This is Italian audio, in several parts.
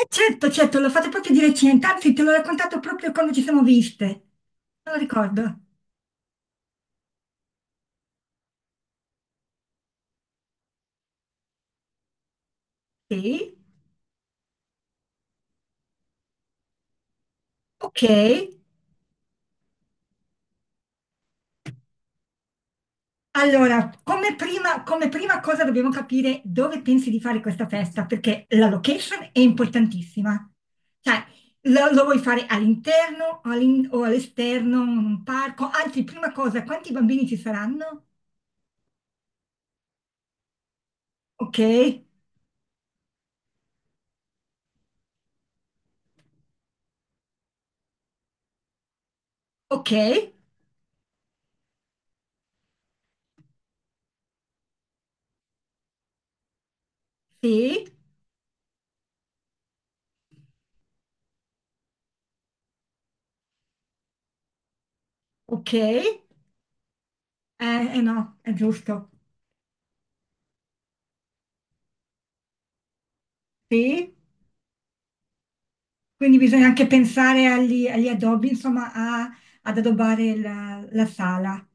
Certo, certo, l'ho fatto proprio di recente, anzi te l'ho raccontato proprio quando ci siamo viste, non lo ricordo. Sì, ok. Allora, come prima cosa dobbiamo capire dove pensi di fare questa festa, perché la location è importantissima. Cioè, lo vuoi fare all'interno o all'esterno, in un parco? Anzi, prima cosa, quanti bambini ci saranno? Ok, ok, sì, ok, eh no, è giusto, sì. Quindi bisogna anche pensare agli addobbi, insomma, ad addobbare la sala.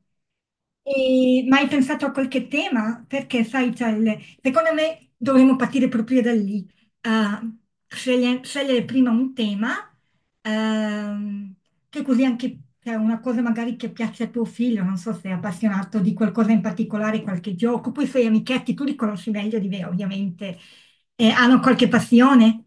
E, ma hai pensato a qualche tema? Perché, sai, secondo me dovremmo partire proprio da lì. Ah, Scegliere prima un tema, ehm, che così anche cioè, una cosa magari che piace a tuo figlio, non so se è appassionato di qualcosa in particolare, qualche gioco. Poi i suoi amichetti, tu li conosci meglio di me, ovviamente. Hanno qualche passione?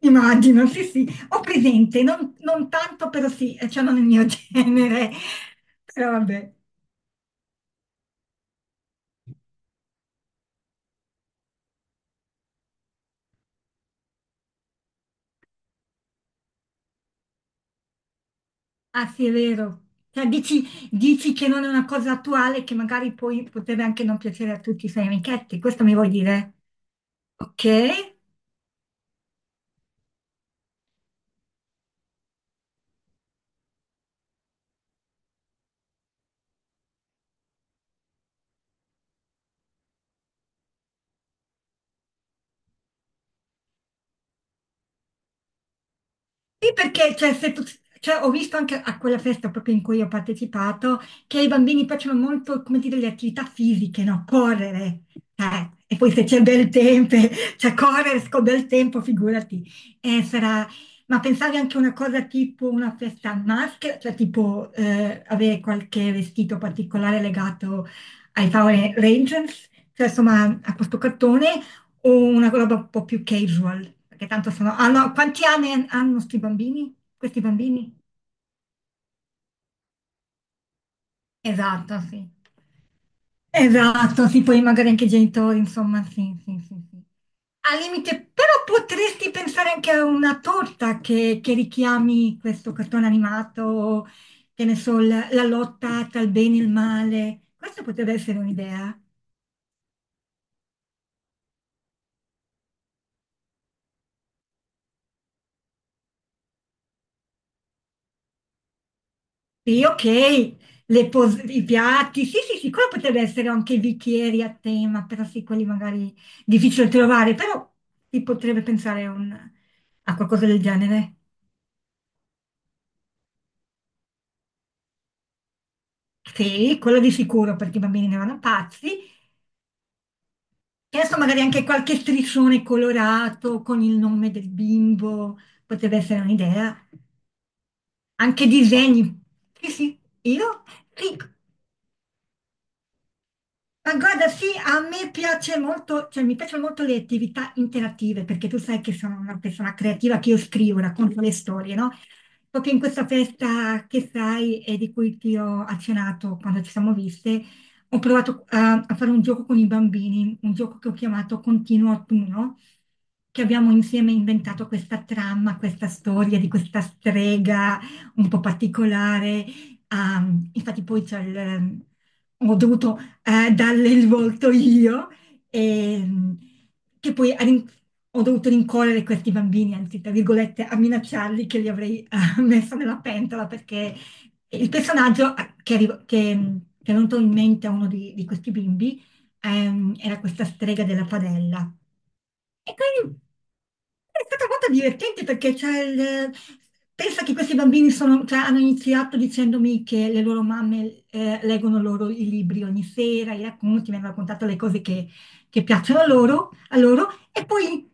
Immagino, sì, sì, ho presente, non tanto, però sì, cioè non il mio genere, però vabbè, ah sì, è vero. Cioè, dici che non è una cosa attuale, che magari poi potrebbe anche non piacere a tutti i suoi amichetti, questo mi vuoi dire? Ok? Sì, perché cioè, se tu- cioè, ho visto anche a quella festa proprio in cui ho partecipato che ai bambini piacciono molto, come dire, le attività fisiche, no? Correre. E poi se c'è bel tempo, cioè correre con bel tempo, figurati. Sarà. Ma pensavi anche a una cosa tipo una festa a maschera, cioè tipo avere qualche vestito particolare legato ai Power Rangers, cioè insomma a questo cartone, o una roba un po' più casual, perché tanto quanti anni hanno sti bambini? Questi bambini? Esatto, sì. Esatto, sì, poi magari anche i genitori, insomma, sì, sì, sì, sì. Al limite, però potresti pensare anche a una torta che richiami questo cartone animato, che ne so, la lotta tra il bene e il male. Questa potrebbe essere un'idea. Sì, ok, i piatti, sì, sì, sì, quello potrebbe essere anche i bicchieri a tema, però sì, quelli magari difficili da trovare, però si potrebbe pensare a a qualcosa del genere. Sì, quello di sicuro, perché i bambini ne vanno pazzi. E adesso magari anche qualche striscione colorato con il nome del bimbo, potrebbe essere un'idea. Anche disegni, sì, sì, io, sì. Ma guarda, sì, a me piace molto, cioè mi piacciono molto le attività interattive, perché tu sai che sono una persona creativa che io scrivo, racconto le storie, no? Proprio in questa festa che sai e di cui ti ho accennato quando ci siamo viste, ho provato a fare un gioco con i bambini, un gioco che ho chiamato Continuo Autunno, che abbiamo insieme inventato questa trama, questa storia di questa strega un po' particolare. Ah, infatti poi. Ho dovuto darle il volto io, e, che poi ha rin- ho dovuto rincorrere questi bambini, anzi, tra virgolette, a minacciarli che li avrei messo nella pentola perché il personaggio che è venuto in mente a uno di questi bimbi era questa strega della padella. E quindi è stata molto divertente perché pensa che questi bambini sono- cioè, hanno iniziato dicendomi che le loro mamme leggono loro i libri ogni sera, i racconti, mi hanno raccontato le cose che piacciono loro, a loro e poi,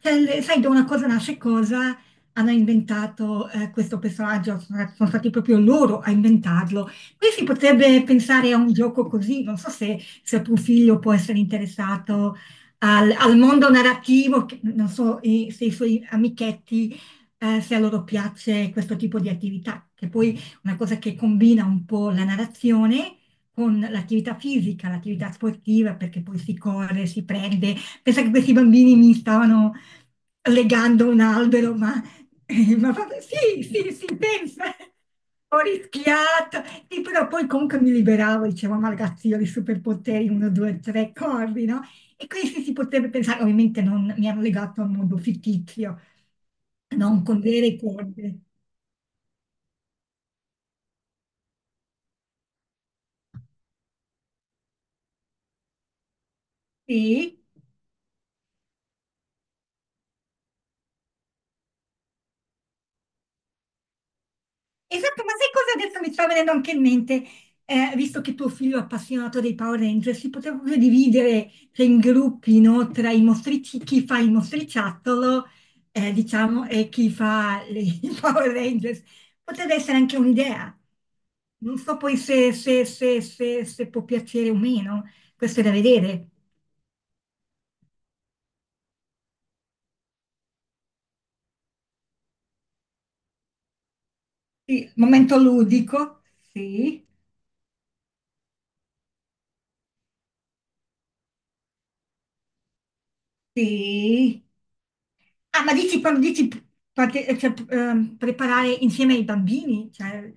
cioè, sai, da una cosa nasce cosa, hanno inventato questo personaggio, sono stati proprio loro a inventarlo. Qui si potrebbe pensare a un gioco così, non so se tuo figlio può essere interessato al mondo narrativo, non so se i suoi amichetti, se a loro piace questo tipo di attività, che poi è una cosa che combina un po' la narrazione con l'attività fisica, l'attività sportiva, perché poi si corre, si prende. Pensa che questi bambini mi stavano legando un albero, ma, ma vabbè, sì, sì, sì, pensa. Ho rischiato, sì, però poi comunque mi liberavo, dicevo, ma ragazzi, io ho i superpoteri, uno, due, tre, corri, no? E questi si potrebbe pensare, ovviamente non mi hanno legato a un mondo fittizio, non con vere corde. Sì, esatto, ma sai cosa adesso mi sta venendo anche in mente? Visto che tuo figlio è appassionato dei Power Rangers, si poteva proprio dividere cioè, in gruppi, no, tra i mostrici, chi fa il mostriciattolo, diciamo, e chi fa i Power Rangers. Potrebbe essere anche un'idea. Non so poi se può piacere o meno, questo è da vedere. Sì, momento ludico, sì, sì. Ah, ma dici quando dici cioè, preparare insieme ai bambini? Cioè,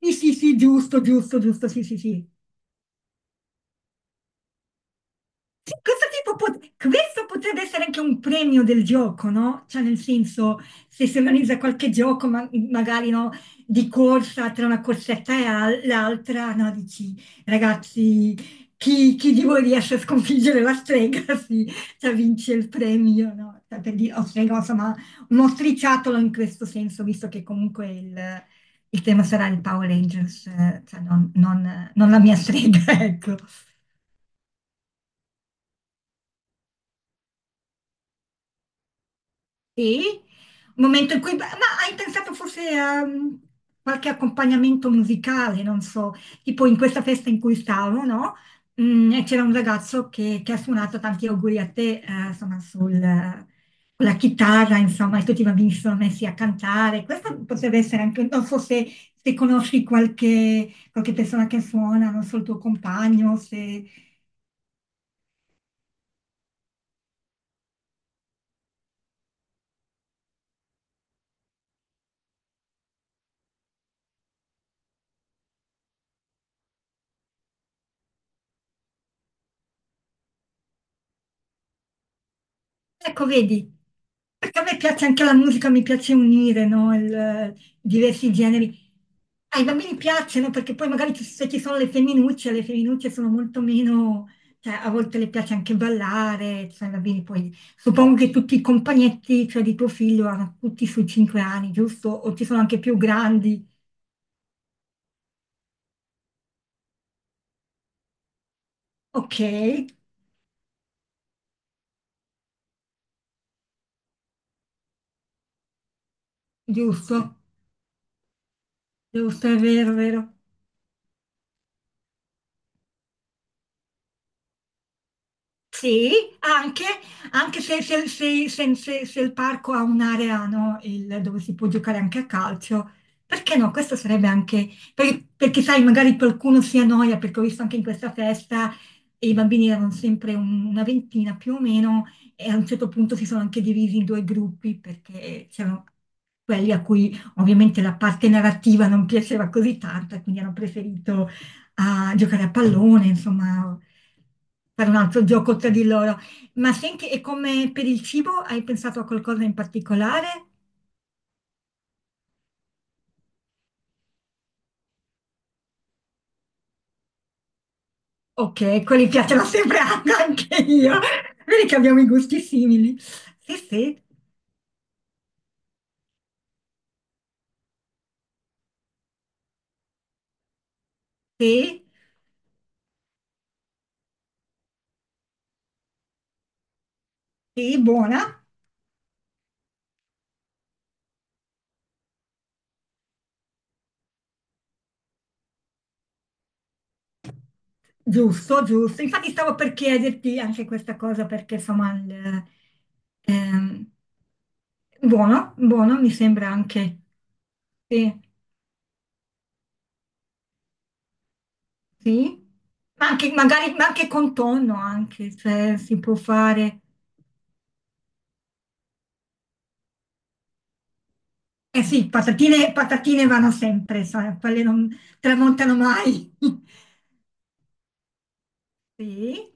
sì, sì, sì, giusto, giusto, giusto, sì, sì, sì. Sì, questo potrebbe essere anche un premio del gioco, no? Cioè, nel senso, se si organizza qualche gioco, ma- magari no, di corsa tra una corsetta e l'altra, no? Dici, ragazzi, chi di voi riesce a sconfiggere la strega, sì, cioè, vince il premio, no? Cioè, per dire, o strega, insomma, uno striciattolo in questo senso, visto che comunque il tema sarà il Power Rangers, cioè non la mia strega, ecco. Sì, un momento in cui. Ma hai pensato forse a qualche accompagnamento musicale, non so, tipo in questa festa in cui stavo, no? E c'era un ragazzo che ha suonato tanti auguri a te, insomma, con la chitarra, insomma, e tutti i bambini si sono messi a cantare. Questo potrebbe essere anche, non so se conosci qualche, qualche persona che suona, non so, il tuo compagno, se. Ecco, vedi, perché a me piace anche la musica, mi piace unire, no, diversi generi. Ai bambini piacciono perché poi magari se ci sono le femminucce sono molto meno, cioè a volte le piace anche ballare, cioè, i bambini poi suppongo che tutti i compagnetti, cioè di tuo figlio, hanno tutti sui 5 anni, giusto? O ci sono anche più grandi. Ok, giusto, giusto, è vero, è vero. Sì, anche, anche se il parco ha un'area no, dove si può giocare anche a calcio, perché no? Questo sarebbe anche, perché sai, magari qualcuno si annoia, perché ho visto anche in questa festa i bambini erano sempre una ventina più o meno e a un certo punto si sono anche divisi in due gruppi perché c'erano quelli a cui ovviamente la parte narrativa non piaceva così tanto e quindi hanno preferito a giocare a pallone, insomma, fare un altro gioco tra di loro. Ma senti, e come per il cibo hai pensato a qualcosa in particolare? Ok, quelli piacciono sempre a- anche io. Vedi che abbiamo i gusti simili. Sì, sì, sì, sì, buona. Giusto, giusto. Infatti stavo per chiederti anche questa cosa perché insomma ehm, buono, buono mi sembra anche. Sì, sì. Ma anche, magari, ma anche con tonno anche, cioè si può fare. Eh sì, patatine, patatine vanno sempre, sai, quelle non tramontano mai. Sì,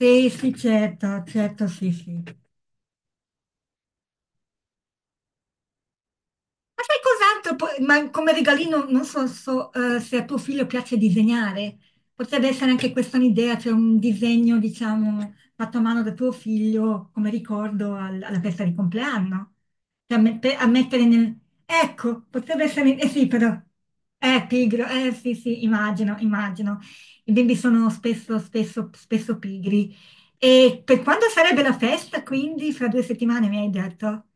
sì, sì, certo, certo, sì, sì. Ma sai cos'altro? Ma come regalino non so, se a tuo figlio piace disegnare. Potrebbe essere anche questa un'idea, cioè un disegno, diciamo, fatto a mano da tuo figlio come ricordo alla festa di compleanno. Cioè, a mettere nel... Ecco, potrebbe essere. Eh sì, però. Pigro, eh sì, sì, immagino, immagino. I bimbi sono spesso, spesso, spesso pigri. E per quando sarebbe la festa, quindi, fra 2 settimane, mi hai detto?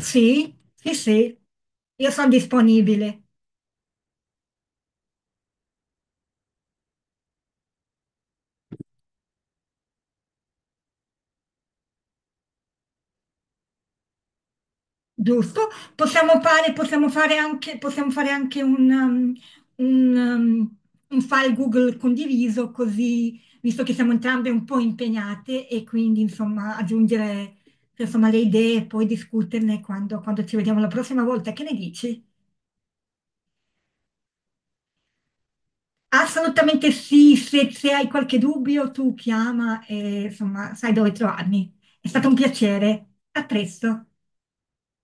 Sì, sì, sì, io sono disponibile, giusto? Possiamo fare anche un, um, un file Google condiviso, così, visto che siamo entrambe un po' impegnate e quindi, insomma, aggiungere, insomma, le idee e poi discuterne quando, ci vediamo la prossima volta. Che ne dici? Assolutamente sì, se hai qualche dubbio tu chiama e, insomma, sai dove trovarmi. È stato un piacere. A presto.